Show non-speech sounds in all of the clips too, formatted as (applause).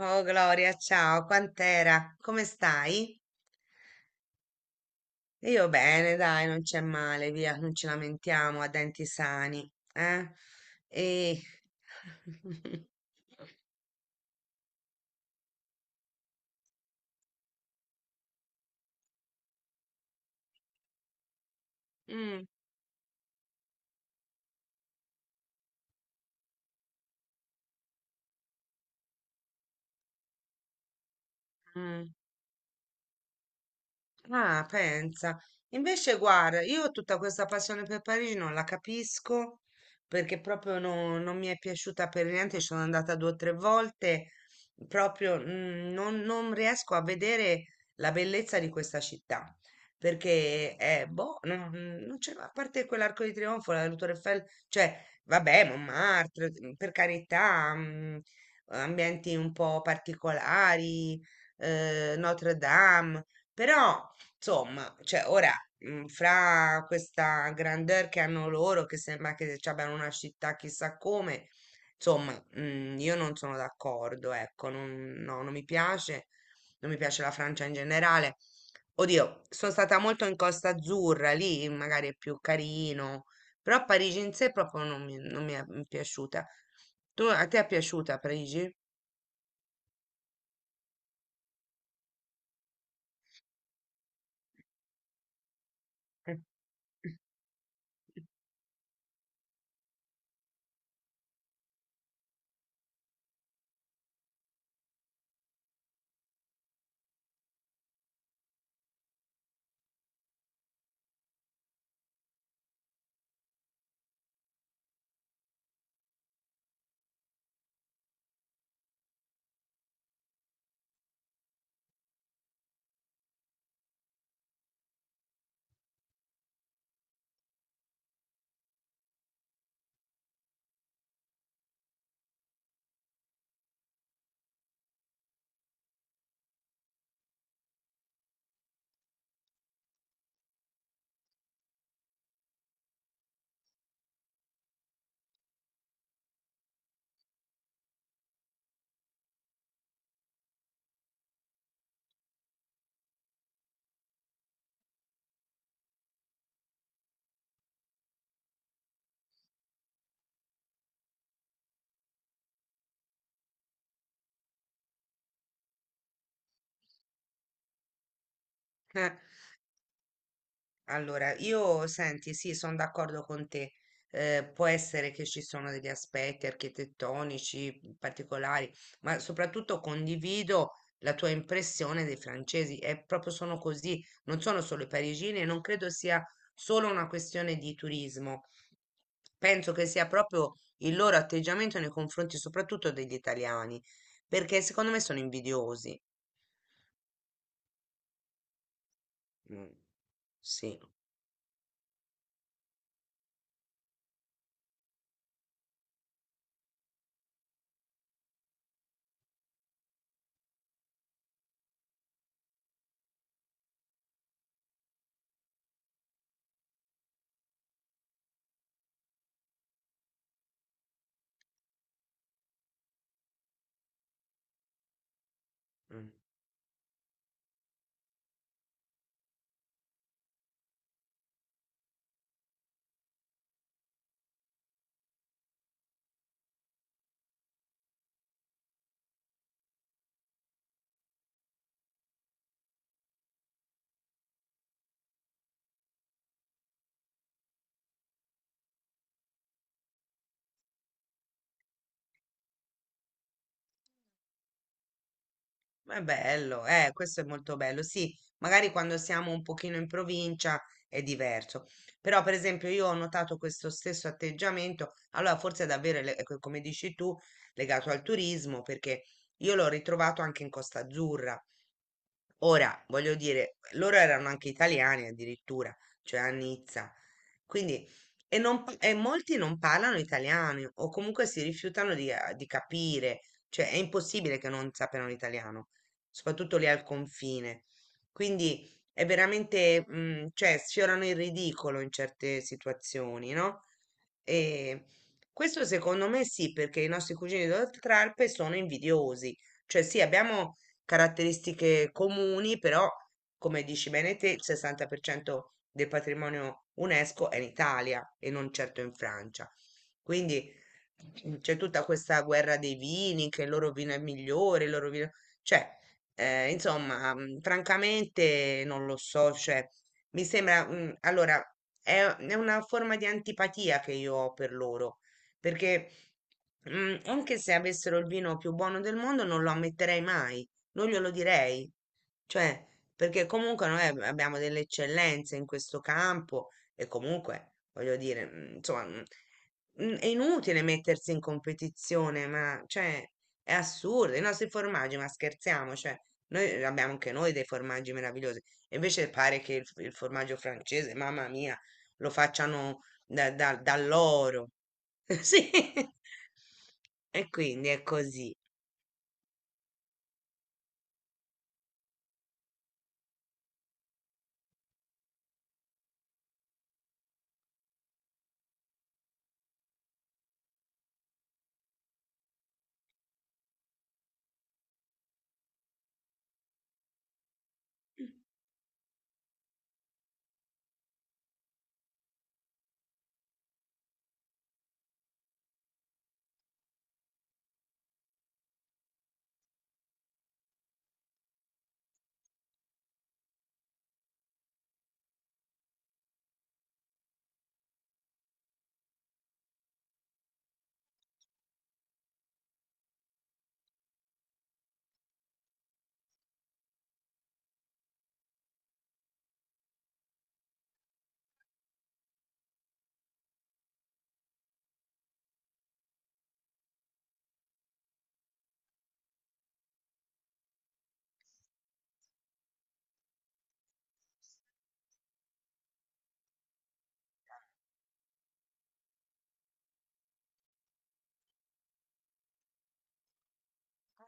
Oh Gloria, ciao, quant'era? Come stai? Io bene, dai, non c'è male, via, non ci lamentiamo a denti sani, eh? E... (laughs) Mm, mm. Ah, pensa. Invece, guarda, io tutta questa passione per Parigi non la capisco perché proprio no- non mi è piaciuta per niente. Ci sono andata due o tre volte, proprio non riesco a vedere la bellezza di questa città perché è boh, non, non c'è, a parte quell'arco di trionfo, la Tour Eiffel, cioè, vabbè, Montmartre, per carità, ambienti un po' particolari, Notre Dame. Però insomma, cioè ora, fra questa grandeur che hanno loro, che sembra che ci abbiano una città chissà come, insomma, io non sono d'accordo, ecco, non, no, non mi piace, non mi piace la Francia in generale. Oddio, sono stata molto in Costa Azzurra, lì magari è più carino, però Parigi in sé proprio non mi, non mi è piaciuta. Tu, a te è piaciuta Parigi? (laughs) Eh, allora, io senti, sì, sono d'accordo con te. Può essere che ci sono degli aspetti architettonici particolari, ma soprattutto condivido la tua impressione dei francesi. È proprio sono così, non sono solo i parigini e non credo sia solo una questione di turismo. Penso che sia proprio il loro atteggiamento nei confronti soprattutto degli italiani, perché secondo me sono invidiosi. Mm, sì. Mm. Ma bello, questo è molto bello. Sì, magari quando siamo un pochino in provincia è diverso. Però, per esempio, io ho notato questo stesso atteggiamento. Allora, forse è davvero, ecco, come dici tu, legato al turismo, perché io l'ho ritrovato anche in Costa Azzurra. Ora, voglio dire, loro erano anche italiani addirittura, cioè a Nizza. Quindi, e, non pa- e molti non parlano italiano o comunque si rifiutano di capire, cioè è impossibile che non sappiano l'italiano, soprattutto lì al confine. Quindi è veramente, cioè sfiorano il ridicolo in certe situazioni, no? E questo secondo me sì, perché i nostri cugini d'Oltralpe sono invidiosi. Cioè sì, abbiamo caratteristiche comuni, però, come dici bene te, il 60% del patrimonio UNESCO è in Italia e non certo in Francia. Quindi c'è tutta questa guerra dei vini, che il loro vino è migliore, il loro vino... Cioè, insomma, francamente non lo so, cioè, mi sembra... allora, è una forma di antipatia che io ho per loro, perché... Mm, anche se avessero il vino più buono del mondo, non lo ammetterei mai, non glielo direi, cioè, perché comunque abbiamo delle eccellenze in questo campo e comunque, voglio dire, è inutile mettersi in competizione, ma cioè, è assurdo. I nostri formaggi, ma scherziamo, cioè, noi abbiamo anche noi dei formaggi meravigliosi. E invece pare che il formaggio francese, mamma mia, lo facciano dall'oro. (laughs) Sì. E quindi è così,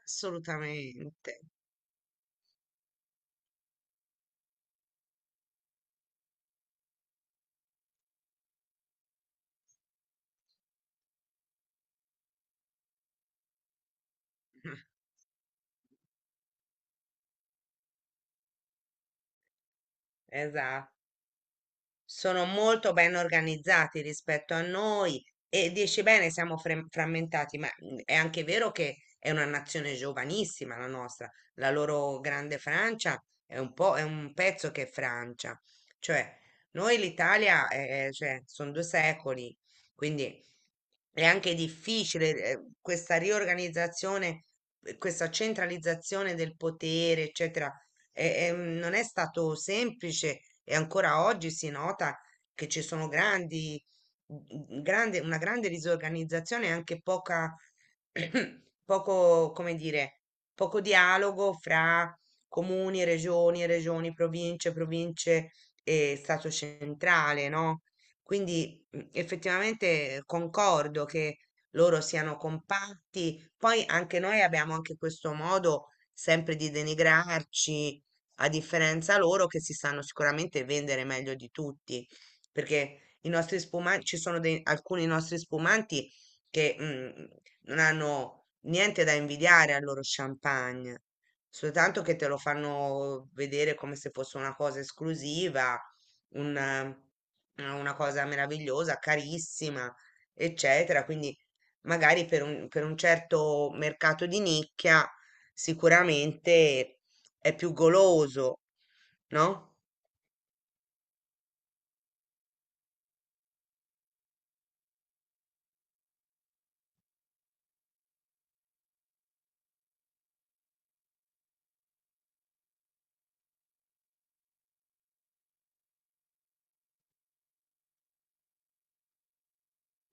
assolutamente. Esatto, sono molto ben organizzati rispetto a noi e dici bene, siamo frammentati, ma è anche vero che è una nazione giovanissima la nostra, la loro grande Francia è un po', è un pezzo che è Francia, cioè noi l'Italia cioè, sono due secoli, quindi è anche difficile questa riorganizzazione, questa centralizzazione del potere, eccetera e, non è stato semplice e ancora oggi si nota che ci sono una grande disorganizzazione e anche poca, (clears throat) poco, come dire, poco dialogo fra comuni, regioni, regioni, province, province e Stato centrale, no? Quindi effettivamente concordo che loro siano compatti. Poi anche noi abbiamo anche questo modo sempre di denigrarci, a differenza loro che si sanno sicuramente vendere meglio di tutti, perché i nostri spumanti, ci sono alcuni nostri spumanti che non hanno niente da invidiare al loro champagne, soltanto che te lo fanno vedere come se fosse una cosa esclusiva, una cosa meravigliosa, carissima, eccetera. Quindi magari per un certo mercato di nicchia sicuramente è più goloso, no?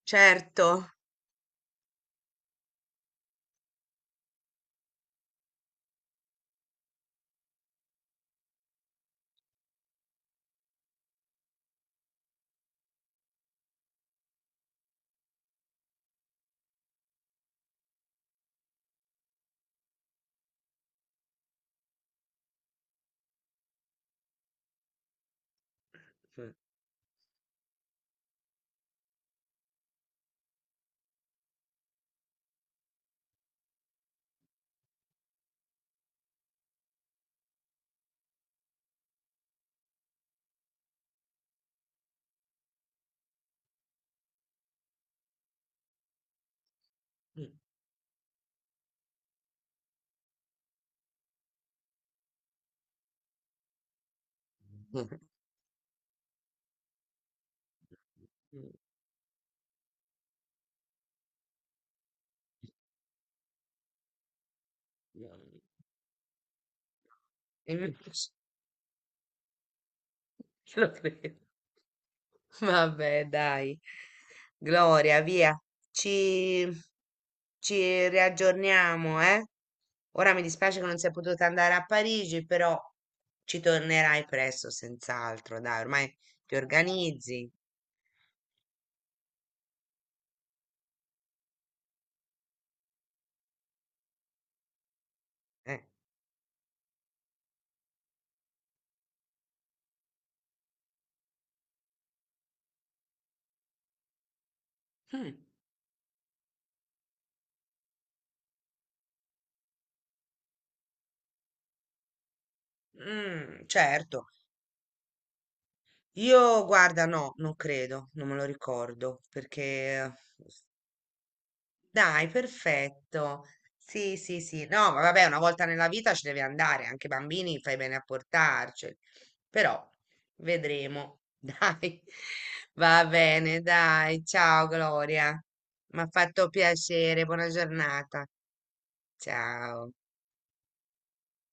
Certo. (laughs) Invece lo credo. Vabbè, dai. Gloria, via. Ci, ci riaggiorniamo, eh? Ora mi dispiace che non sei potuta andare a Parigi, però ci tornerai presto, senz'altro. Dai, ormai ti organizzi. Eh. Mm. Mm, certo. Io, guarda, no, non credo, non me lo ricordo, perché... Dai, perfetto. Sì, sì, sì. No, ma vabbè, una volta nella vita ci deve andare, anche i bambini fai bene a portarceli. Però, vedremo. (laughs) Dai, va bene, dai. Ciao, Gloria. Mi ha fatto piacere, buona giornata. Ciao.